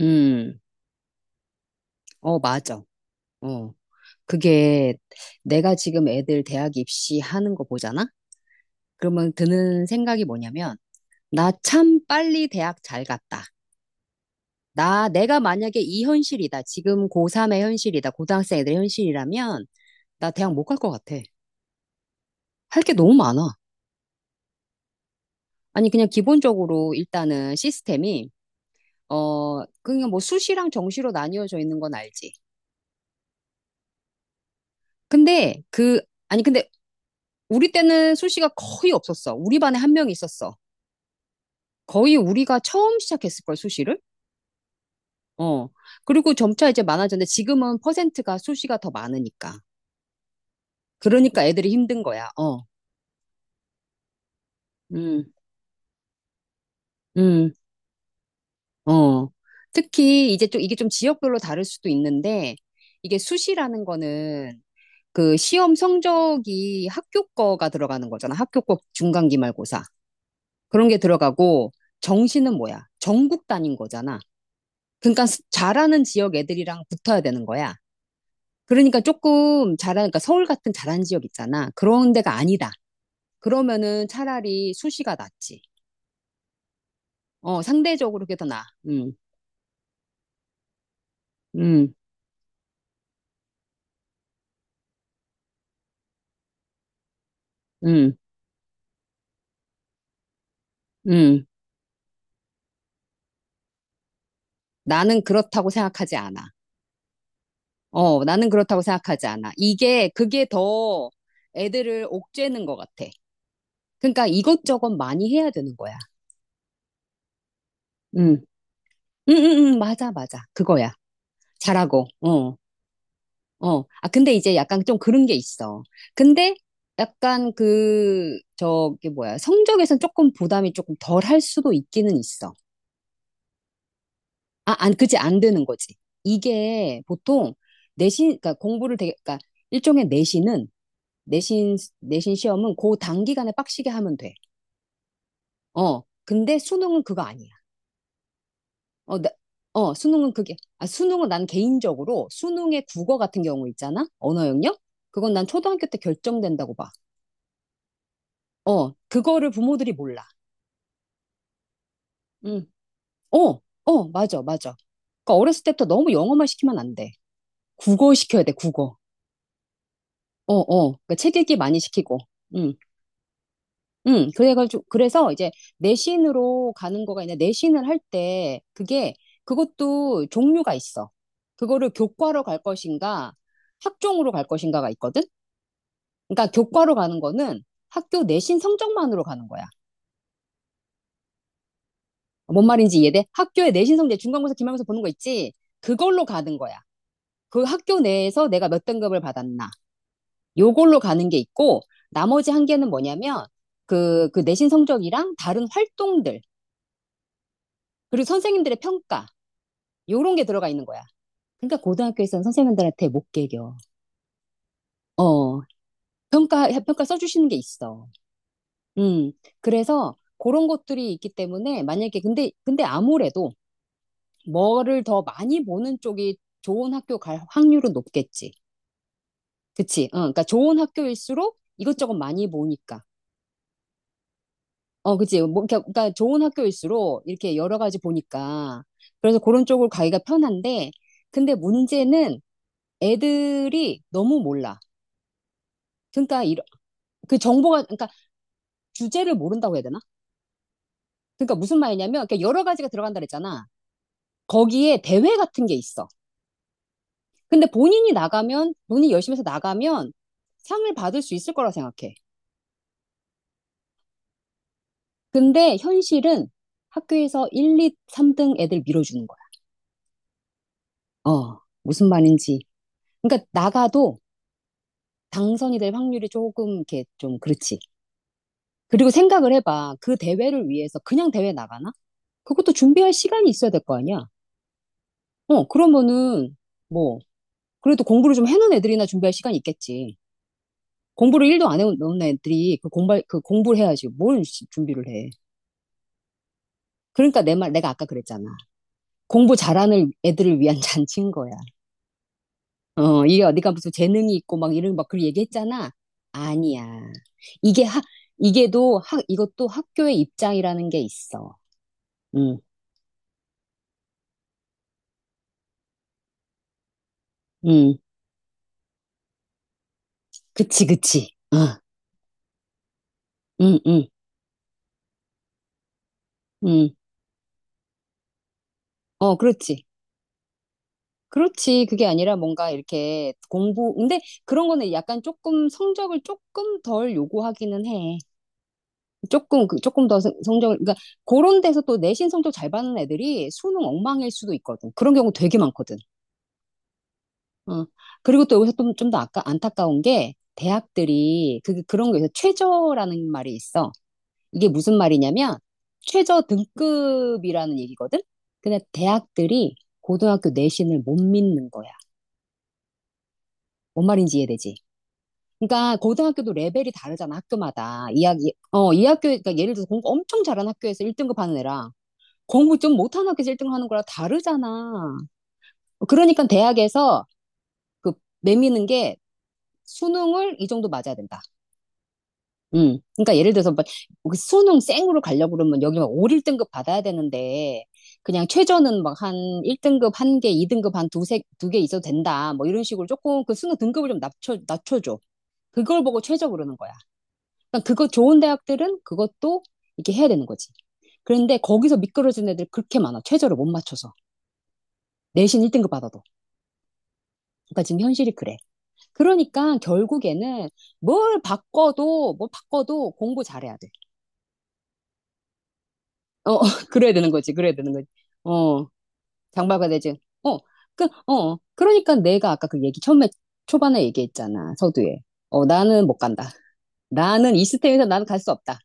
음, 어, 맞아. 어. 그게 내가 지금 애들 대학 입시하는 거 보잖아? 그러면 드는 생각이 뭐냐면, 나 참 빨리 대학 잘 갔다. 내가 만약에 이 현실이다. 지금 고3의 현실이다. 고등학생 애들 현실이라면, 나 대학 못 갈 것 같아. 할 게 너무 많아. 아니, 그냥 기본적으로 일단은 시스템이, 어, 그냥 뭐 수시랑 정시로 나뉘어져 있는 건 알지. 근데 아니, 근데 우리 때는 수시가 거의 없었어. 우리 반에 한 명 있었어. 거의 우리가 처음 시작했을걸, 수시를? 어. 그리고 점차 이제 많아졌는데 지금은 퍼센트가 수시가 더 많으니까. 그러니까 애들이 힘든 거야. 어. 음, 음, 어. 특히 이제 좀 이게 좀 지역별로 다를 수도 있는데 이게 수시라는 거는 그 시험 성적이 학교 거가 들어가는 거잖아. 학교 거 중간기말고사. 그런 게 들어가고 정시는 뭐야? 전국 단위인 거잖아. 그러니까 잘하는 지역 애들이랑 붙어야 되는 거야. 그러니까 조금 잘하 그러니까 서울 같은 잘한 지역 있잖아. 그런 데가 아니다. 그러면은 차라리 수시가 낫지. 어, 상대적으로 그게 더 나아. 음, 음, 음. 나는 그렇다고 생각하지 않아. 어, 나는 그렇다고 생각하지 않아. 그게 더 애들을 옥죄는 것 같아. 그러니까 이것저것 많이 해야 되는 거야. 음, 맞아, 맞아. 그거야. 잘하고, 어. 어, 아, 근데 이제 약간 좀 그런 게 있어. 근데 약간 그, 저기 뭐야, 성적에선 조금 부담이 조금 덜 할 수도 있기는 있어. 아, 안, 그지, 안 되는 거지. 이게 보통 내신, 그러니까 공부를 되게, 그러니까 일종의 내신은, 내신 시험은 그 단기간에 빡시게 하면 돼. 어, 근데 수능은 그거 아니야. 어, 어, 수능은 그게, 아, 수능은 난 개인적으로 수능의 국어 같은 경우 있잖아? 언어 영역? 그건 난 초등학교 때 결정된다고 봐. 어, 그거를 부모들이 몰라. 응. 어, 어, 맞아, 맞아. 그러니까 어렸을 때부터 너무 영어만 시키면 안 돼. 국어 시켜야 돼, 국어. 어, 어. 그러니까 책 읽기 많이 시키고. 응, 응. 그래가지고, 그래서 이제 내신으로 가는 거가 있는데, 내신을 할 때, 그게, 그것도 종류가 있어. 그거를 교과로 갈 것인가, 학종으로 갈 것인가가 있거든? 그러니까 교과로 가는 거는 학교 내신 성적만으로 가는 거야. 뭔 말인지 이해돼? 학교의 내신 성적, 중간고사, 기말고사 보는 거 있지? 그걸로 가는 거야. 그 학교 내에서 내가 몇 등급을 받았나. 요걸로 가는 게 있고, 나머지 한 개는 뭐냐면, 그 내신 성적이랑 다른 활동들, 그리고 선생님들의 평가, 요런 게 들어가 있는 거야. 그러니까 고등학교에서는 선생님들한테 못 개겨. 어, 평가 써주시는 게 있어. 음, 그래서 그런 것들이 있기 때문에 만약에, 근데 아무래도 뭐를 더 많이 보는 쪽이 좋은 학교 갈 확률은 높겠지. 그치? 어, 그러니까 좋은 학교일수록 이것저것 많이 보니까. 어, 그치. 뭐, 그러니까 좋은 학교일수록 이렇게 여러 가지 보니까. 그래서 그런 쪽으로 가기가 편한데, 근데 문제는 애들이 너무 몰라. 그러니까 그 정보가 그러니까 주제를 모른다고 해야 되나? 그러니까 무슨 말이냐면 그러니까 여러 가지가 들어간다 그랬잖아. 거기에 대회 같은 게 있어. 근데 본인이 나가면 본인이 열심히 해서 나가면 상을 받을 수 있을 거라 생각해. 근데 현실은 학교에서 1, 2, 3등 애들 밀어주는 거야. 어, 무슨 말인지. 그러니까 나가도 당선이 될 확률이 조금 이렇게 좀 그렇지. 그리고 생각을 해봐. 그 대회를 위해서 그냥 대회 나가나? 그것도 준비할 시간이 있어야 될 거 아니야? 어, 그러면은 뭐 그래도 공부를 좀 해놓은 애들이나 준비할 시간이 있겠지. 공부를 일도안 해놓은 애들이 그 공부 그 공부를 해야지 뭘 준비를 해. 그러니까 내 말 내가 아까 그랬잖아. 공부 잘하는 애들을 위한 잔치인 거야. 어, 이게 어디가 무슨 재능이 있고 막 이런 막 그런 얘기했잖아. 아니야. 이게 학, 이게도 이것도 학교의 입장이라는 게 있어. 응, 응. 그치, 그치. 어, 응, 응, 응. 어, 그렇지. 그렇지. 그게 아니라 뭔가 이렇게 공부, 근데 그런 거는 약간 조금 성적을 조금 덜 요구하기는 해. 조금, 조금 더 성적을, 그러니까 그런 데서 또 내신 성적 잘 받는 애들이 수능 엉망일 수도 있거든. 그런 경우 되게 많거든. 어. 그리고 또 여기서 좀 더 아까 안타까운 게 대학들이 그런 거에서 최저라는 말이 있어. 이게 무슨 말이냐면 최저 등급이라는 얘기거든? 근데 대학들이 고등학교 내신을 못 믿는 거야. 뭔 말인지 이해되지? 그러니까 고등학교도 레벨이 다르잖아, 학교마다. 어, 이 학교, 그러니까 예를 들어서 공부 엄청 잘하는 학교에서 1등급 하는 애랑 공부 좀 못하는 학교에서 1등 급 하는 거랑 다르잖아. 그러니까 대학에서 그 내미는 게 수능을 이 정도 맞아야 된다. 음. 그러니까 예를 들어서 막 수능 쌩으로 가려고 그러면 여기 막 5, 1등급 받아야 되는데 그냥 최저는 막 한 1등급 한 개, 2등급 한 두세 두 개 있어도 된다. 뭐 이런 식으로 조금 그 수능 등급을 좀 낮춰줘. 그걸 보고 최저 그러는 거야. 그러니까 그거 좋은 대학들은 그것도 이렇게 해야 되는 거지. 그런데 거기서 미끄러진 애들 그렇게 많아. 최저를 못 맞춰서. 내신 1등급 받아도. 그러니까 지금 현실이 그래. 그러니까 결국에는 뭘 바꿔도 공부 잘해야 돼. 어, 그래야 되는 거지. 그래야 되는 거지. 어, 장발가 되지. 어, 그, 어, 그러니까 내가 아까 그 얘기 처음에 초반에 얘기했잖아. 서두에. 어, 나는 못 간다. 나는 이 스템에서 나는 갈 수 없다.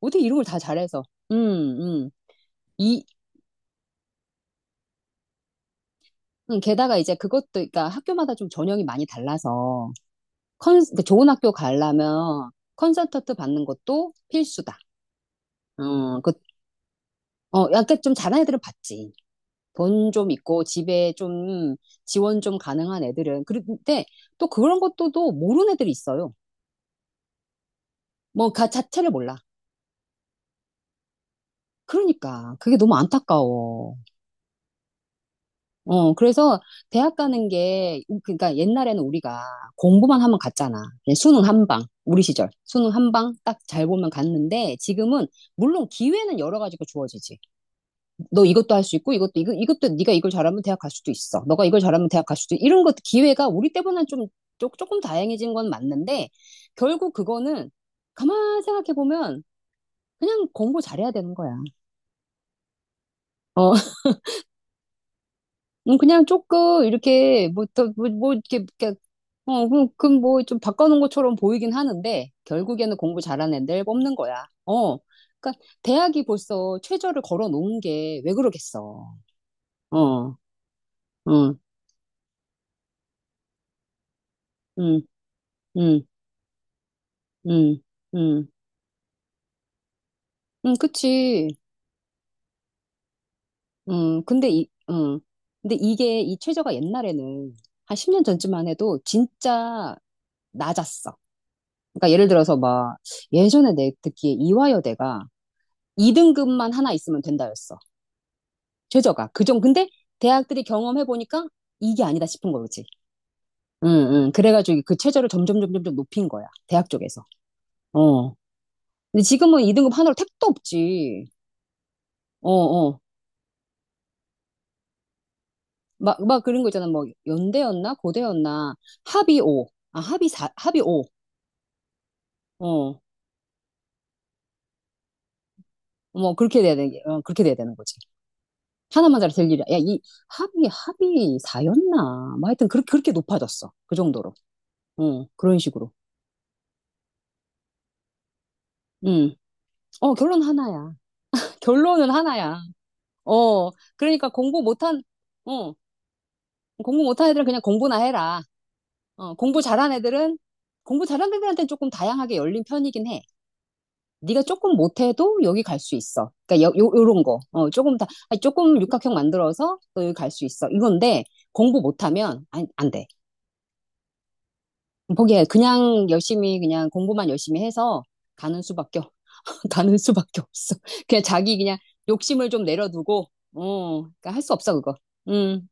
어떻게 이름을 다 잘해서. 음, 음. 이, 게다가 이제 그것도, 그러니까 학교마다 좀 전형이 많이 달라서 그 좋은 학교 가려면 설턴트 받는 것도 필수다. 어, 그, 어, 약간 좀 잘하는 애들은 받지 돈 좀 있고 집에 좀 지원 좀 가능한 애들은 그런데 또 그런 것도 또 모르는 애들이 있어요. 뭐가 자체를 몰라. 그러니까 그게 너무 안타까워. 어 그래서 대학 가는 게 그러니까 옛날에는 우리가 공부만 하면 갔잖아. 그냥 수능 한 방. 우리 시절 수능 한방 딱 잘 보면 갔는데 지금은 물론 기회는 여러 가지가 주어지지. 너 이것도 할 수 있고 이것도 네가 이걸 잘하면 대학 갈 수도 있어. 너가 이걸 잘하면 대학 갈 수도 이런 것 기회가 우리 때보다는 좀 조금 다양해진 건 맞는데 결국 그거는 가만 생각해 보면 그냥 공부 잘해야 되는 거야. 어, 그냥 조금 이렇게 뭐또뭐 뭐뭐 이렇게 이렇게 어, 그럼 뭐좀 바꿔놓은 것처럼 보이긴 하는데 결국에는 공부 잘하는 애들 뽑는 거야. 어, 그러니까 대학이 벌써 최저를 걸어 놓은 게 왜 그러겠어. 어, 응, 응, 응. 음, 음, 그치. 근데 이, 근데 이게 이 최저가 옛날에는 한 10년 전쯤만 해도 진짜 낮았어. 그러니까 예를 들어서 막 예전에 내 듣기에 이화여대가 2등급만 하나 있으면 된다였어. 최저가. 그 정, 근데 대학들이 경험해보니까 이게 아니다 싶은 거지. 응, 응. 그래가지고 그 최저를 점점, 점점, 점 높인 거야. 대학 쪽에서. 어. 근데 지금은 2등급 하나로 택도 없지. 어어. 막 그런 거 있잖아. 뭐, 연대였나? 고대였나? 합이 5. 아, 합이 4, 합이 5. 어, 뭐, 어, 그렇게 돼야 되는 거지. 하나만 잘 될 일이야. 야, 이 합이 4였나? 뭐, 하여튼, 그렇게 높아졌어. 그 정도로. 어, 그런 식으로. 음. 어, 결론 하나야. 결론은 하나야. 어, 그러니까 어, 공부 못한 애들은 그냥 공부나 해라. 어, 공부 잘한 애들은, 공부 잘한 애들한테는 조금 다양하게 열린 편이긴 해. 네가 조금 못해도 여기 갈 수 있어. 그러니까 요런 거. 어, 조금 다, 아니, 조금 육각형 만들어서 너 여기 갈 수 있어. 이건데 공부 못하면 안 돼. 포기해. 그냥 열심히 그냥 공부만 열심히 해서 가는 수밖에 가는 수밖에 없어. 그냥 자기 그냥 욕심을 좀 내려두고 어, 그러니까 할 수 없어 그거. 음.